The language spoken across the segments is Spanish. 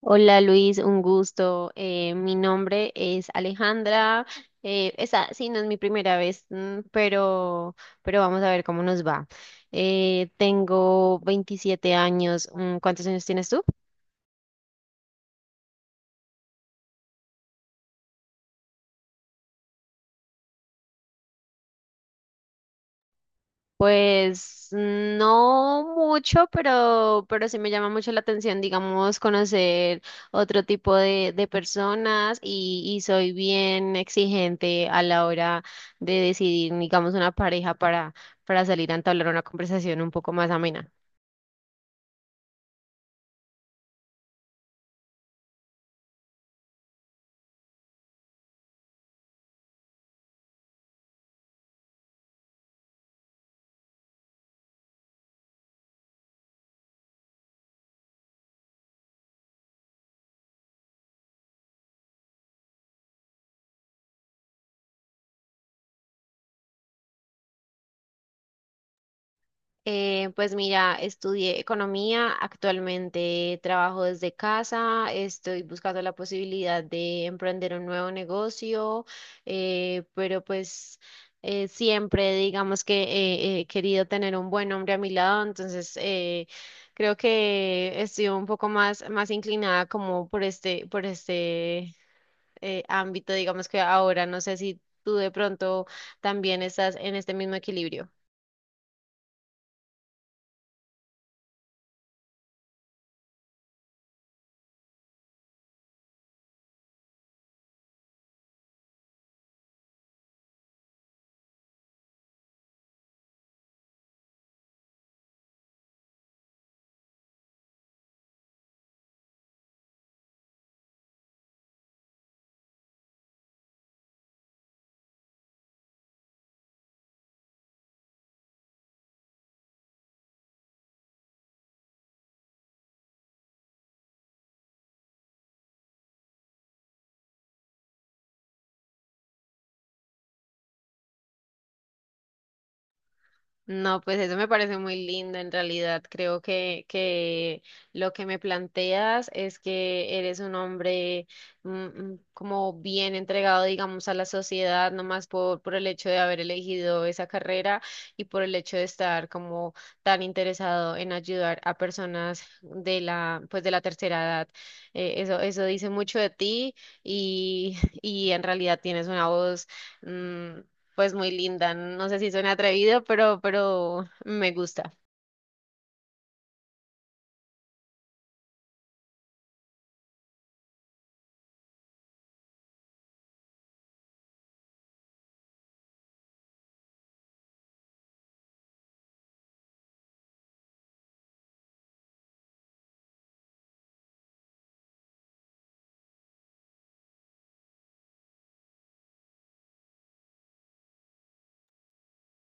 Hola Luis, un gusto. Mi nombre es Alejandra. Esa sí no es mi primera vez, pero, vamos a ver cómo nos va. Tengo 27 años. ¿Cuántos años tienes tú? Pues no mucho, pero sí me llama mucho la atención, digamos, conocer otro tipo de personas y soy bien exigente a la hora de decidir, digamos, una pareja para salir a entablar una conversación un poco más amena. Pues mira, estudié economía, actualmente trabajo desde casa, estoy buscando la posibilidad de emprender un nuevo negocio, pero pues siempre digamos que he querido tener un buen hombre a mi lado, entonces creo que estoy un poco más, más inclinada como por este, por este ámbito, digamos que ahora no sé si tú de pronto también estás en este mismo equilibrio. No, pues eso me parece muy lindo en realidad. Creo que lo que me planteas es que eres un hombre como bien entregado, digamos, a la sociedad, no más por el hecho de haber elegido esa carrera y por el hecho de estar como tan interesado en ayudar a personas de la, pues de la tercera edad. Eso dice mucho de ti y, y en realidad tienes una voz. mm, pues muy linda. No sé si suena atrevido, pero me gusta.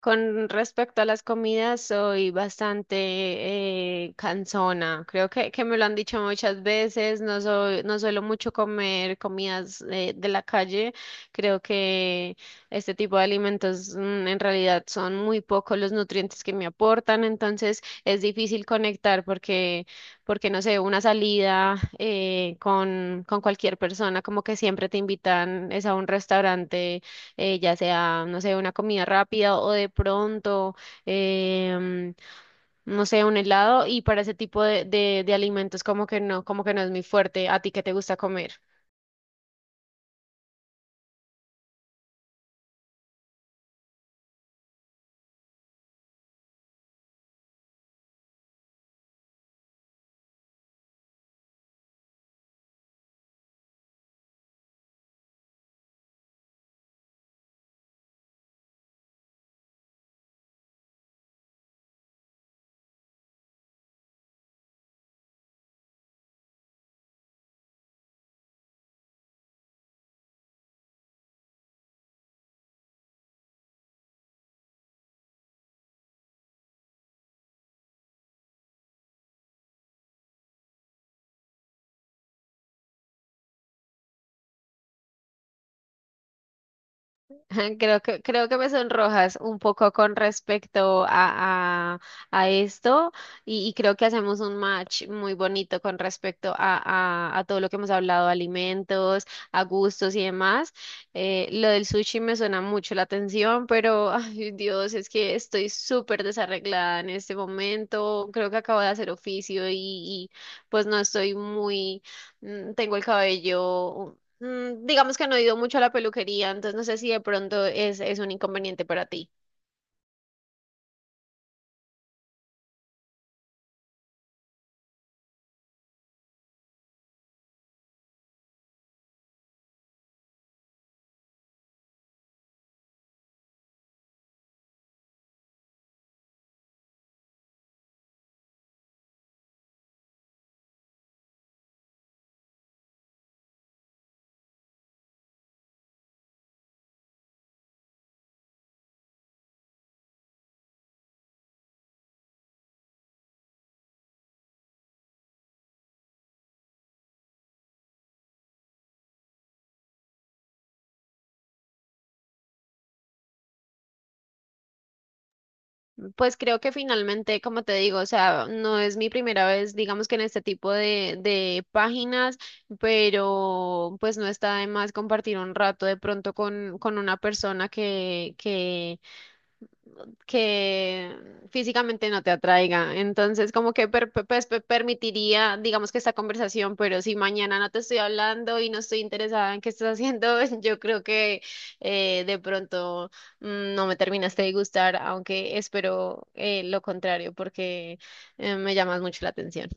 Con respecto a las comidas, soy bastante cansona. Creo que me lo han dicho muchas veces. No soy, no suelo mucho comer comidas de la calle. Creo que este tipo de alimentos en realidad son muy pocos los nutrientes que me aportan. Entonces es difícil conectar porque, porque no sé, una salida con cualquier persona, como que siempre te invitan, es a un restaurante ya sea, no sé, una comida rápida o de pronto, em, no sé, un helado y para ese tipo de alimentos como que no es muy fuerte. ¿A ti qué te gusta comer? Creo que me sonrojas un poco con respecto a esto y creo que hacemos un match muy bonito con respecto a todo lo que hemos hablado, alimentos, a gustos y demás. Lo del sushi me suena mucho la atención, pero ay Dios, es que estoy súper desarreglada en este momento. Creo que acabo de hacer oficio y pues no estoy muy, tengo el cabello. Digamos que no he ido mucho a la peluquería, entonces no sé si de pronto es un inconveniente para ti. Pues creo que finalmente, como te digo, o sea, no es mi primera vez, digamos que en este tipo de páginas, pero pues no está de más compartir un rato de pronto con una persona que físicamente no te atraiga. Entonces, como que permitiría, digamos que esta conversación, pero si mañana no te estoy hablando y no estoy interesada en qué estás haciendo, yo creo que de pronto no me terminaste de gustar, aunque espero lo contrario, porque me llamas mucho la atención.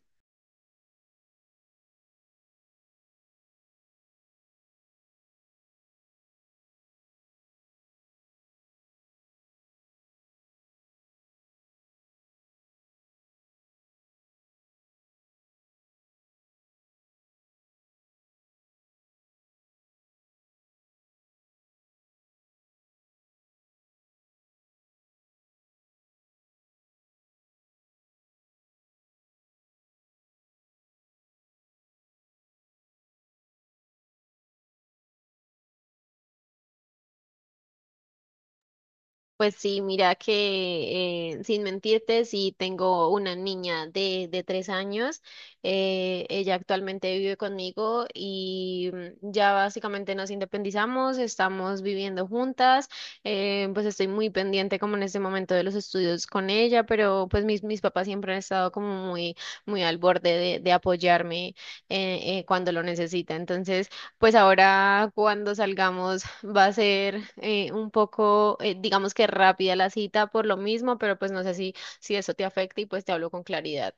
Pues sí, mira que sin mentirte, sí tengo una niña de 3 años. Ella actualmente vive conmigo y ya básicamente nos independizamos, estamos viviendo juntas. Pues estoy muy pendiente como en este momento de los estudios con ella, pero pues mis, mis papás siempre han estado como muy, muy al borde de apoyarme cuando lo necesita. Entonces... Pues ahora cuando salgamos va a ser un poco, digamos que rápida la cita por lo mismo, pero pues no sé si, si eso te afecta y pues te hablo con claridad.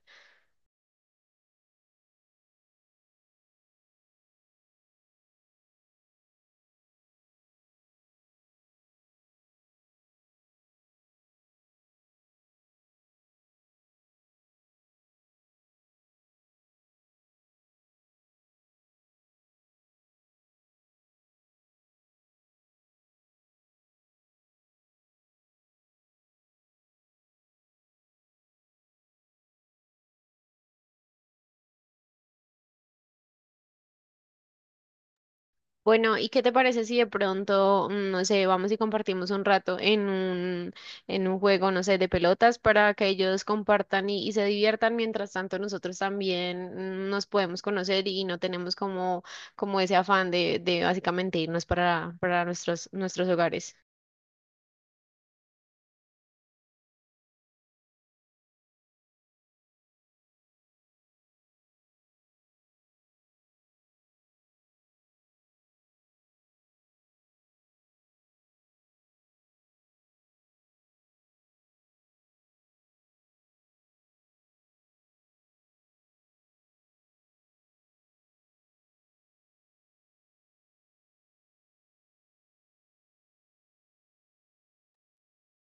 Bueno, ¿y qué te parece si de pronto, no sé, vamos y compartimos un rato en un juego, no sé, de pelotas para que ellos compartan y se diviertan, mientras tanto nosotros también nos podemos conocer y no tenemos como, como ese afán de básicamente irnos para nuestros, nuestros hogares?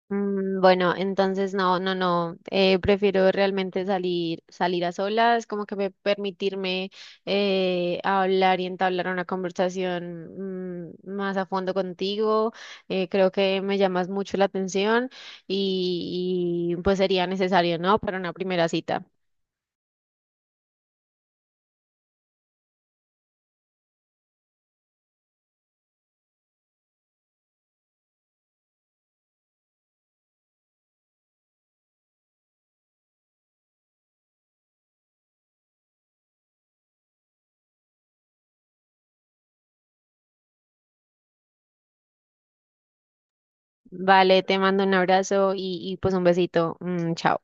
Mm, Bueno, entonces no, no, no. Prefiero realmente salir, salir a solas, como que permitirme hablar y entablar una conversación más a fondo contigo. Creo que me llamas mucho la atención y, pues sería necesario, ¿no? Para una primera cita. Vale, te mando un abrazo y pues un besito. Chao.